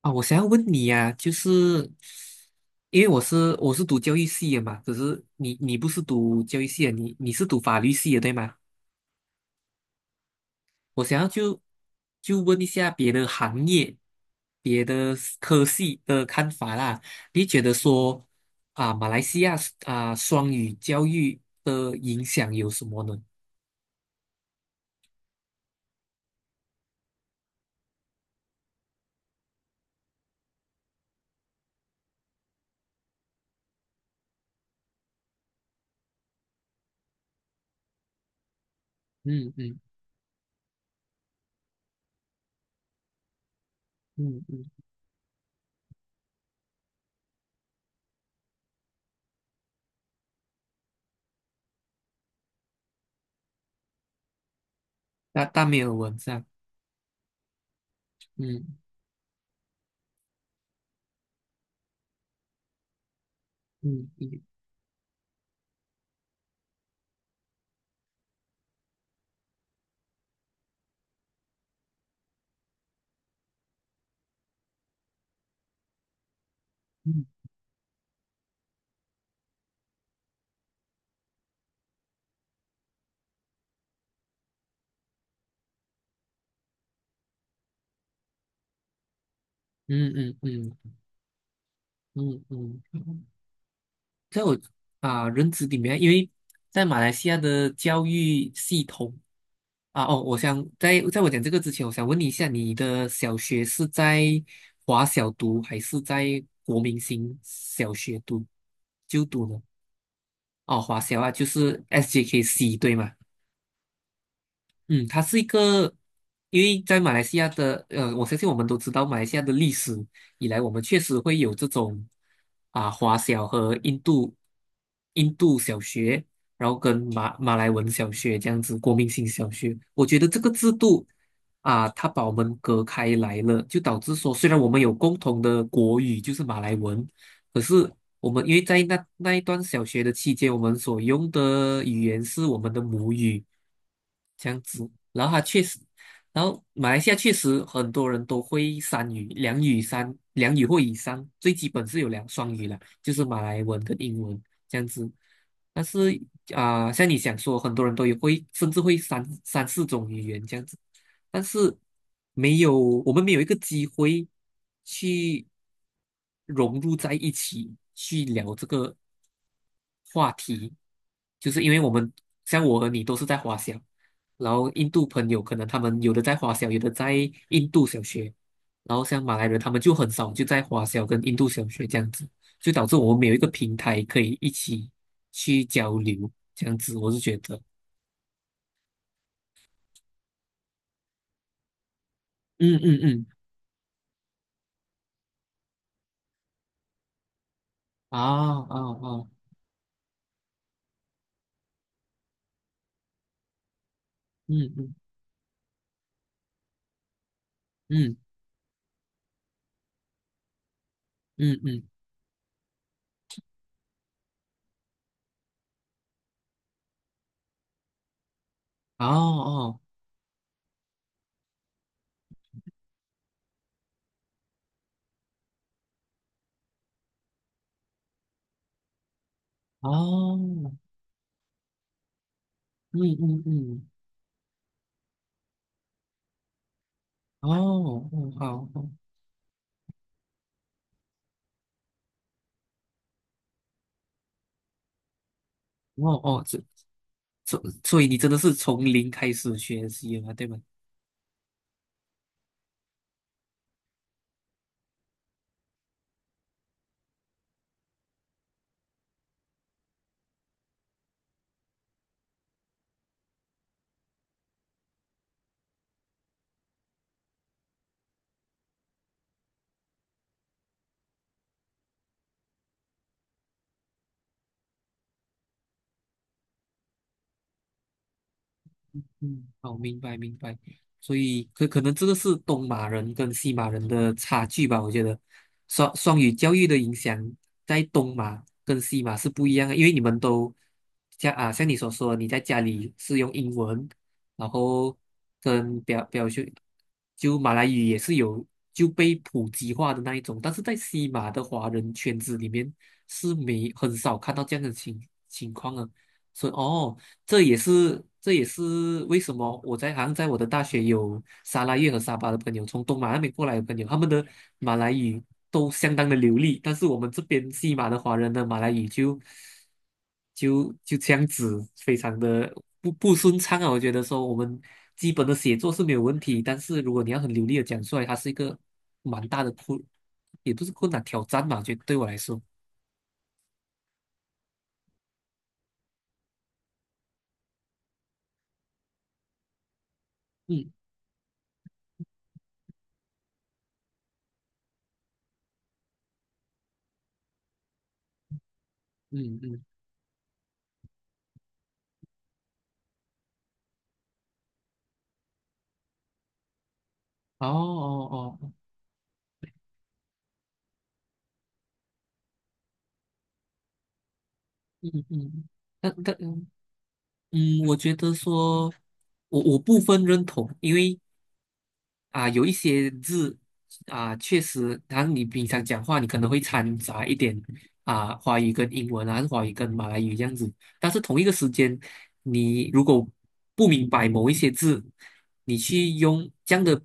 啊，我想要问你呀、就是因为我是读教育系的嘛，可是你不是读教育系的，你是读法律系的对吗？我想要就问一下别的行业、别的 科系的看法啦。你觉得说马来西亚双语教育的影响有什么呢？嗯嗯嗯嗯，大大没有文章。嗯嗯嗯嗯嗯嗯嗯嗯嗯。啊，认知里面，因为在马来西亚的教育系统，啊，哦，我想在我讲这个之前，我想问你一下，你的小学是在华小读还是在国民型小学读呢？哦，华小啊，就是 SJKC 对吗？嗯，它是一个，因为在马来西亚的，我相信我们都知道，马来西亚的历史以来，我们确实会有这种啊华小和印度小学，然后跟马来文小学这样子，国民性小学。我觉得这个制度啊，它把我们隔开来了，就导致说，虽然我们有共同的国语，就是马来文，可是我们因为在那一段小学的期间，我们所用的语言是我们的母语，这样子。然后它确实，然后马来西亚确实很多人都会三语、两语三、两语或以上，最基本是有两双语了，就是马来文跟英文这样子。但是啊、像你想说，很多人都也会，甚至会三四种语言这样子。但是没有，我们没有一个机会去融入在一起，去聊这个话题，就是因为我们像我和你都是在华小，然后印度朋友可能他们有的在华小，有的在印度小学，然后像马来人他们就很少就在华小跟印度小学这样子，就导致我们没有一个平台可以一起去交流，这样子我是觉得，嗯嗯嗯。啊啊啊。嗯嗯嗯。嗯嗯。哦哦哦。嗯嗯嗯。哦哦好哦。哦哦，这所以你真的是从零开始学习了，对吗？嗯，好，明白明白。所以可能这个是东马人跟西马人的差距吧，我觉得双语教育的影响在东马跟西马是不一样的，因为你们都像啊像你所说，你在家里是用英文，然后跟表兄就马来语也是有就被普及化的那一种，但是在西马的华人圈子里面是没很少看到这样的情况啊，所以哦，这也是为什么我在好像在我的大学有沙拉越和沙巴的朋友，从东马那边过来的朋友，他们的马来语都相当的流利，但是我们这边西马的华人的马来语就这样子，非常的不顺畅啊。我觉得说我们基本的写作是没有问题，但是如果你要很流利的讲出来，它是一个蛮大的困，也不是困难挑战吧，就对我来说，嗯嗯嗯。哦哦哦。嗯嗯。那嗯。嗯，我觉得说，我部分认同，因为啊、有一些字啊、确实，然后你平常讲话，你可能会掺杂一点啊、华语跟英文啊，还是华语跟马来语这样子。但是同一个时间，你如果不明白某一些字，你去用这样的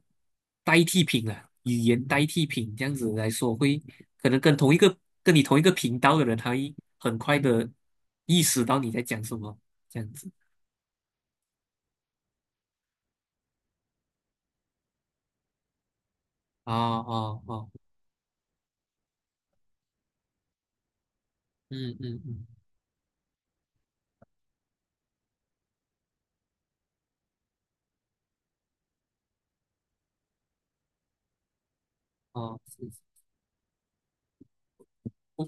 代替品啊，语言代替品这样子来说，会可能跟同一个跟你同一个频道的人，他会很快的意识到你在讲什么这样子。哦哦哦。嗯嗯嗯。哦，是是。我。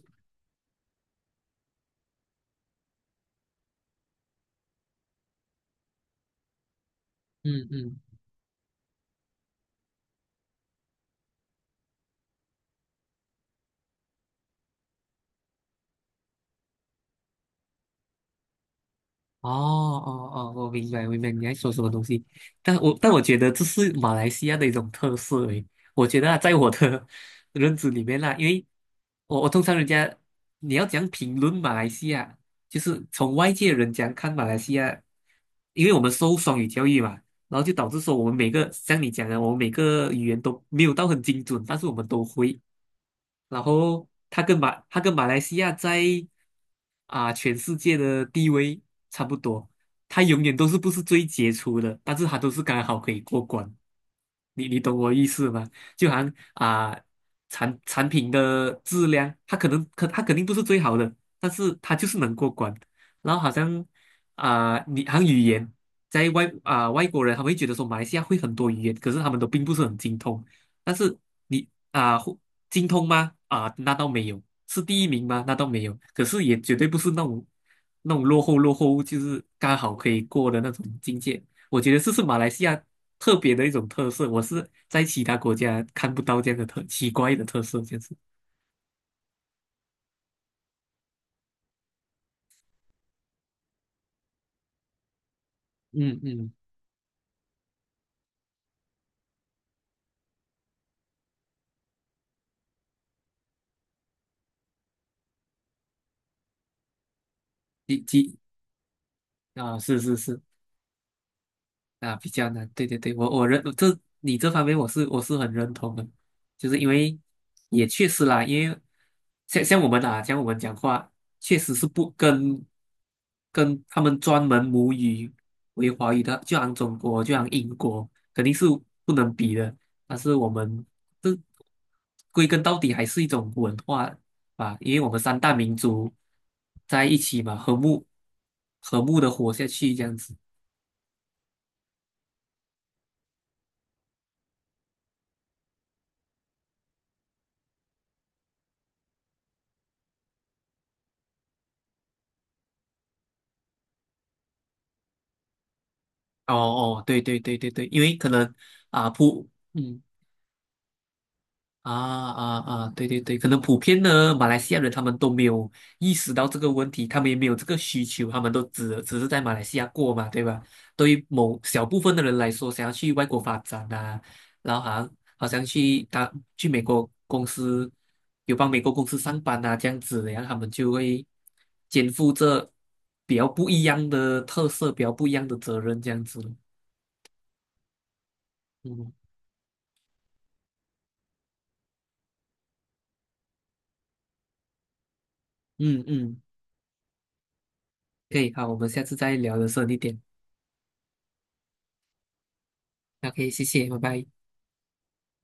嗯嗯。哦哦哦，我明白明白你在说什么东西，但我觉得这是马来西亚的一种特色诶。我觉得啊，在我的 认知里面啦，因为我通常人家你要讲评论马来西亚，就是从外界人讲看马来西亚，因为我们受双语教育嘛，然后就导致说我们每个像你讲的，我们每个语言都没有到很精准，但是我们都会。然后他跟马来西亚在啊、全世界的地位差不多，他永远都是不是最杰出的，但是他都是刚好可以过关。你懂我意思吗？就好像啊、产品的质量，它可能可它肯定不是最好的，但是它就是能过关。然后好像啊、你好像语言，在外啊、外国人他会觉得说马来西亚会很多语言，可是他们都并不是很精通。但是你啊、会。精通吗？啊，那倒没有。是第一名吗？那倒没有。可是也绝对不是那种那种落后，就是刚好可以过的那种境界。我觉得这是马来西亚特别的一种特色，我是在其他国家看不到这样的特奇怪的特色，就是嗯嗯。几几。啊，是是是。啊，比较难，对对对，我我认这你这方面我是很认同的，就是因为也确实啦，因为像我们啊，像我们讲话，确实是不跟跟他们专门母语为华语的，就像中国，就像英国，肯定是不能比的。但是我们这归根到底还是一种文化吧，因为我们三大民族在一起嘛，和睦的活下去这样子。哦哦，对对对对对，因为可能啊普嗯。啊啊啊，对对对，可能普遍呢，马来西亚人他们都没有意识到这个问题，他们也没有这个需求，他们都只是在马来西亚过嘛，对吧？对于某小部分的人来说，想要去外国发展啊，然后好像去美国公司帮美国公司上班啊这样子，然后他们就会肩负着比较不一样的特色，比较不一样的责任这样子，嗯。嗯嗯，可以，好，我们下次再聊的时候你点。OK，谢谢，拜拜。